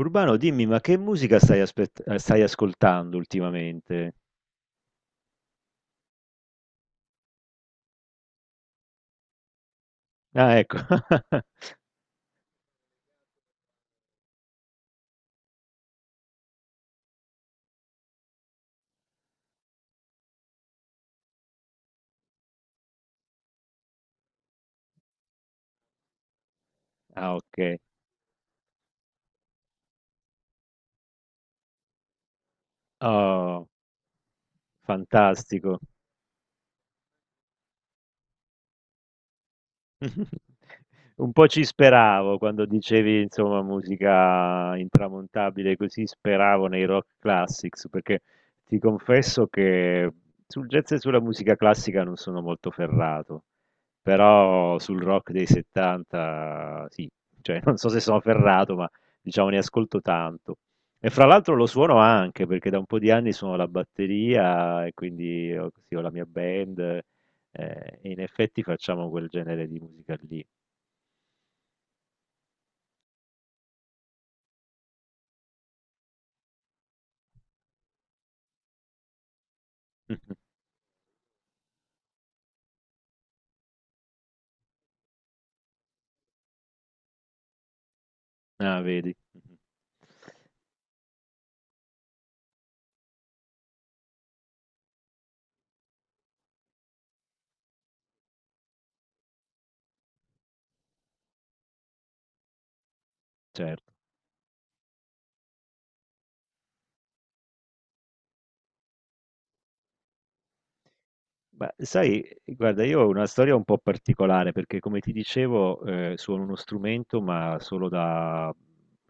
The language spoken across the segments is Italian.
Urbano, dimmi, ma che musica stai, stai ascoltando ultimamente? Ah, ecco. Ah, ok. Oh, fantastico. Un po' ci speravo quando dicevi, insomma, musica intramontabile, così speravo nei rock classics, perché ti confesso che sul jazz e sulla musica classica non sono molto ferrato. Però sul rock dei 70 sì, cioè non so se sono ferrato, ma diciamo ne ascolto tanto. E fra l'altro lo suono anche perché da un po' di anni suono la batteria e quindi ho, sì, ho la mia band e in effetti facciamo quel genere di musica lì. Ah, vedi, certo. Beh, sai, guarda, io ho una storia un po' particolare perché, come ti dicevo, suono uno strumento, ma solo da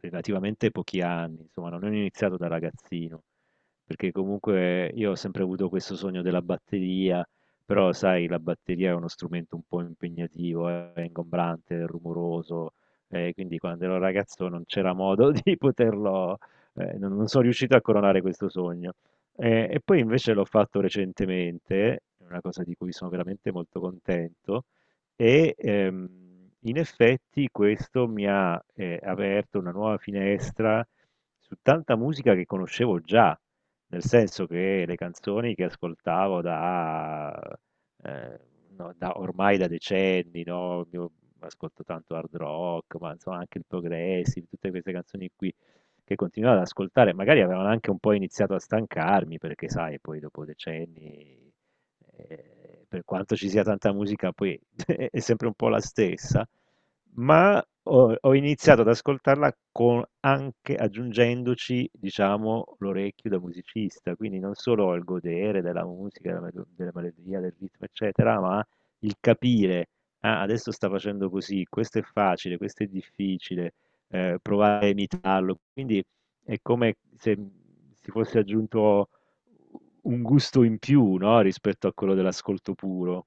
relativamente pochi anni, insomma, non ho iniziato da ragazzino, perché comunque io ho sempre avuto questo sogno della batteria, però, sai, la batteria è uno strumento un po' impegnativo, è ingombrante, è rumoroso, quindi quando ero ragazzo non c'era modo di poterlo, non sono riuscito a coronare questo sogno. E poi invece l'ho fatto recentemente, è una cosa di cui sono veramente molto contento, e, in effetti questo mi ha, aperto una nuova finestra su tanta musica che conoscevo già, nel senso che le canzoni che ascoltavo da ehm, no, da ormai da decenni, no, io ascolto tanto hard rock, ma insomma anche il progressive, tutte queste canzoni qui che continuavo ad ascoltare, magari avevano anche un po' iniziato a stancarmi, perché sai, poi dopo decenni, per quanto ci sia tanta musica, poi è sempre un po' la stessa, ma ho, ho iniziato anche aggiungendoci, diciamo, l'orecchio da musicista, quindi non solo il godere della musica, della melodia, del ritmo, eccetera, ma il capire, ah, adesso sta facendo così, questo è facile, questo è difficile provare a imitarlo. Quindi è come se si fosse aggiunto un gusto in più, no, rispetto a quello dell'ascolto puro.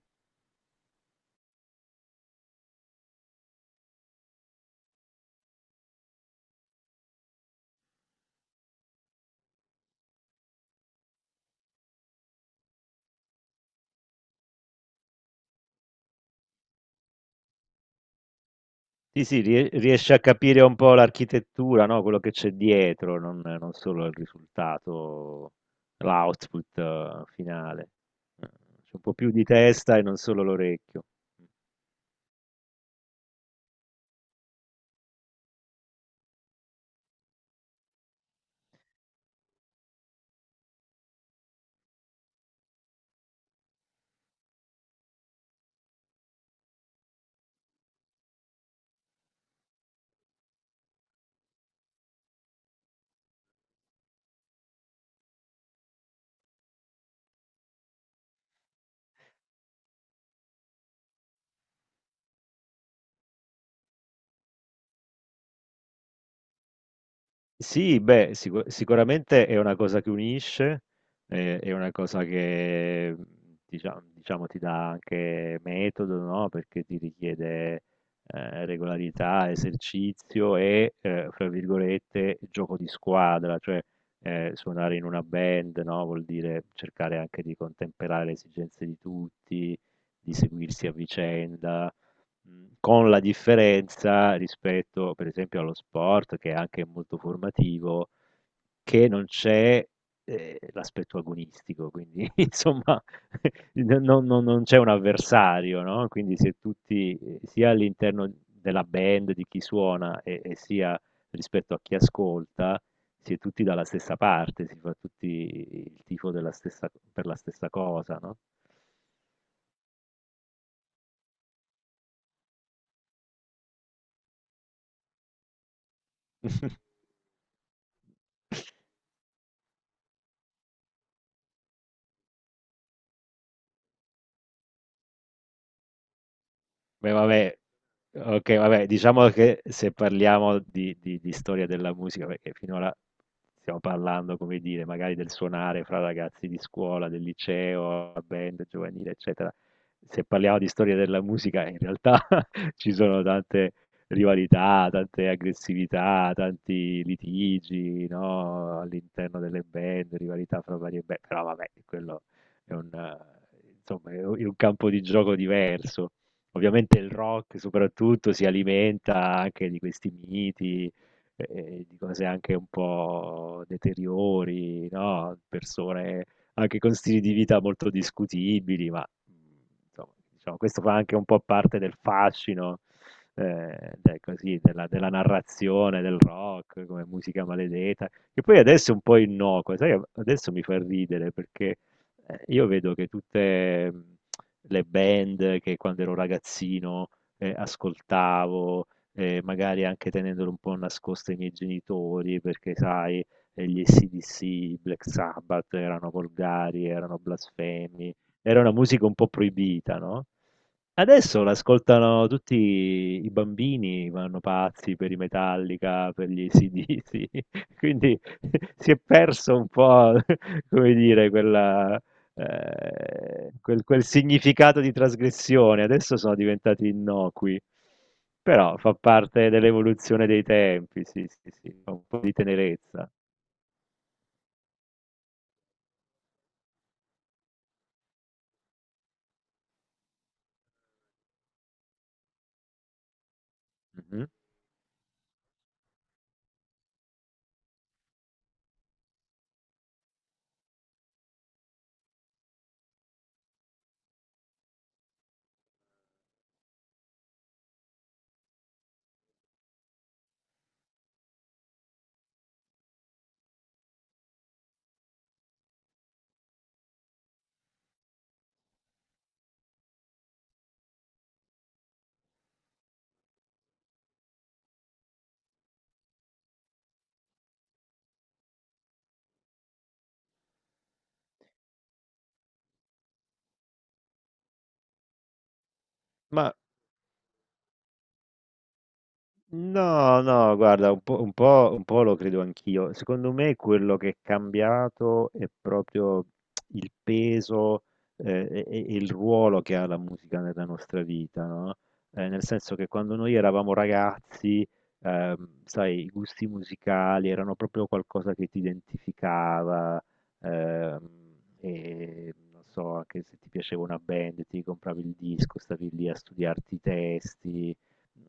Sì, sì, riesce a capire un po' l'architettura, no, quello che c'è dietro, non, non solo il risultato, l'output finale. C'è un po' più di testa e non solo l'orecchio. Sì, beh, sicuramente è una cosa che unisce, è una cosa che diciamo, ti dà anche metodo, no? Perché ti richiede regolarità, esercizio e, fra virgolette, gioco di squadra, cioè suonare in una band, no? Vuol dire cercare anche di contemperare le esigenze di tutti, di seguirsi a vicenda. Con la differenza rispetto, per esempio, allo sport che è anche molto formativo, che non c'è, l'aspetto agonistico, quindi insomma non c'è un avversario, no, quindi se tutti, sia all'interno della band di chi suona e sia rispetto a chi ascolta, si è tutti dalla stessa parte, si fa tutti il tifo della stessa per la stessa cosa, no? Beh, vabbè, ok, vabbè, diciamo che se parliamo di, di storia della musica, perché finora stiamo parlando, come dire, magari del suonare fra ragazzi di scuola, del liceo, la band giovanile, eccetera. Se parliamo di storia della musica, in realtà ci sono tante rivalità, tante aggressività, tanti litigi, no? All'interno delle band, rivalità fra varie band, però vabbè, quello è un, insomma, è un campo di gioco diverso. Ovviamente il rock soprattutto si alimenta anche di questi miti, di cose anche un po' deteriori, no, persone anche con stili di vita molto discutibili, ma, mhmm, insomma, diciamo questo fa anche un po' parte del fascino, de così, della narrazione del rock come musica maledeta, che poi adesso è un po' innocua, sai, adesso mi fa ridere perché, io vedo che tutte, mhmm le band che quando ero ragazzino ascoltavo, magari anche tenendole un po' nascoste ai miei genitori, perché sai, gli AC/DC, i Black Sabbath erano volgari, erano blasfemi, era una musica un po' proibita, no? Adesso l'ascoltano tutti i bambini, vanno pazzi per i Metallica, per gli AC/DC, quindi si è perso un po', come dire, quella, quel significato di trasgressione, adesso sono diventati innocui. Però fa parte dell'evoluzione dei tempi, sì, sì, sì, fa un po' di tenerezza. Mh-mh. Ma no, no, guarda, un po', un po', un po' lo credo anch'io. Secondo me quello che è cambiato è proprio il peso e il ruolo che ha la musica nella nostra vita, no? Nel senso che quando noi eravamo ragazzi, sai, i gusti musicali erano proprio qualcosa che ti identificava, ehm, e non so, anche se ti piaceva una band, ti compravi il disco, stavi lì a studiarti i testi.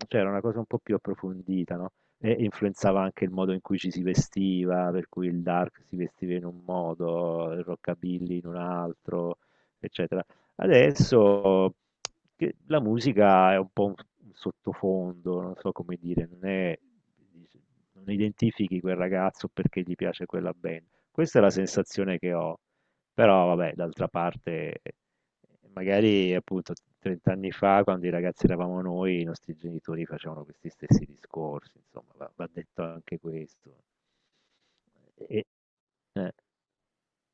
Cioè era una cosa un po' più approfondita, no, e influenzava anche il modo in cui ci si vestiva, per cui il dark si vestiva in un modo, il rockabilly in un altro, eccetera. Adesso che la musica è un po' un sottofondo, non so come dire, non è non identifichi quel ragazzo perché gli piace quella band. Questa è la sensazione che ho, però vabbè, d'altra parte magari appunto 30 anni fa, quando i ragazzi eravamo noi, i nostri genitori facevano questi stessi discorsi, insomma, va, va detto anche questo. E- eh.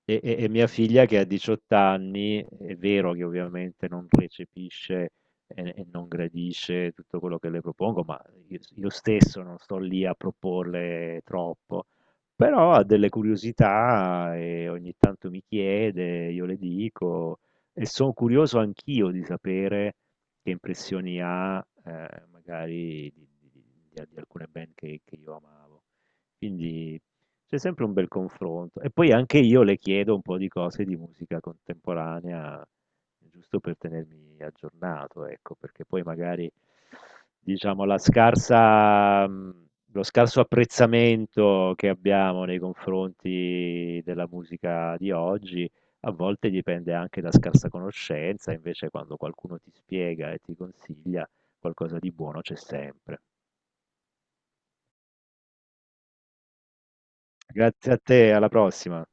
E, e mia figlia che ha 18 anni, è vero che ovviamente non recepisce e non gradisce tutto quello che le propongo, ma io stesso non sto lì a proporle troppo, però ha delle curiosità e ogni tanto mi chiede, io le dico e sono curioso anch'io di sapere che impressioni ha magari di, di alcune band che io amavo. Quindi c'è sempre un bel confronto. E poi anche io le chiedo un po' di cose di musica contemporanea, giusto per tenermi aggiornato, ecco, perché poi magari, diciamo, la scarsa, lo scarso apprezzamento che abbiamo nei confronti della musica di oggi, a volte dipende anche da scarsa conoscenza, invece quando qualcuno ti spiega e ti consiglia, qualcosa di buono c'è sempre. Grazie a te, alla prossima.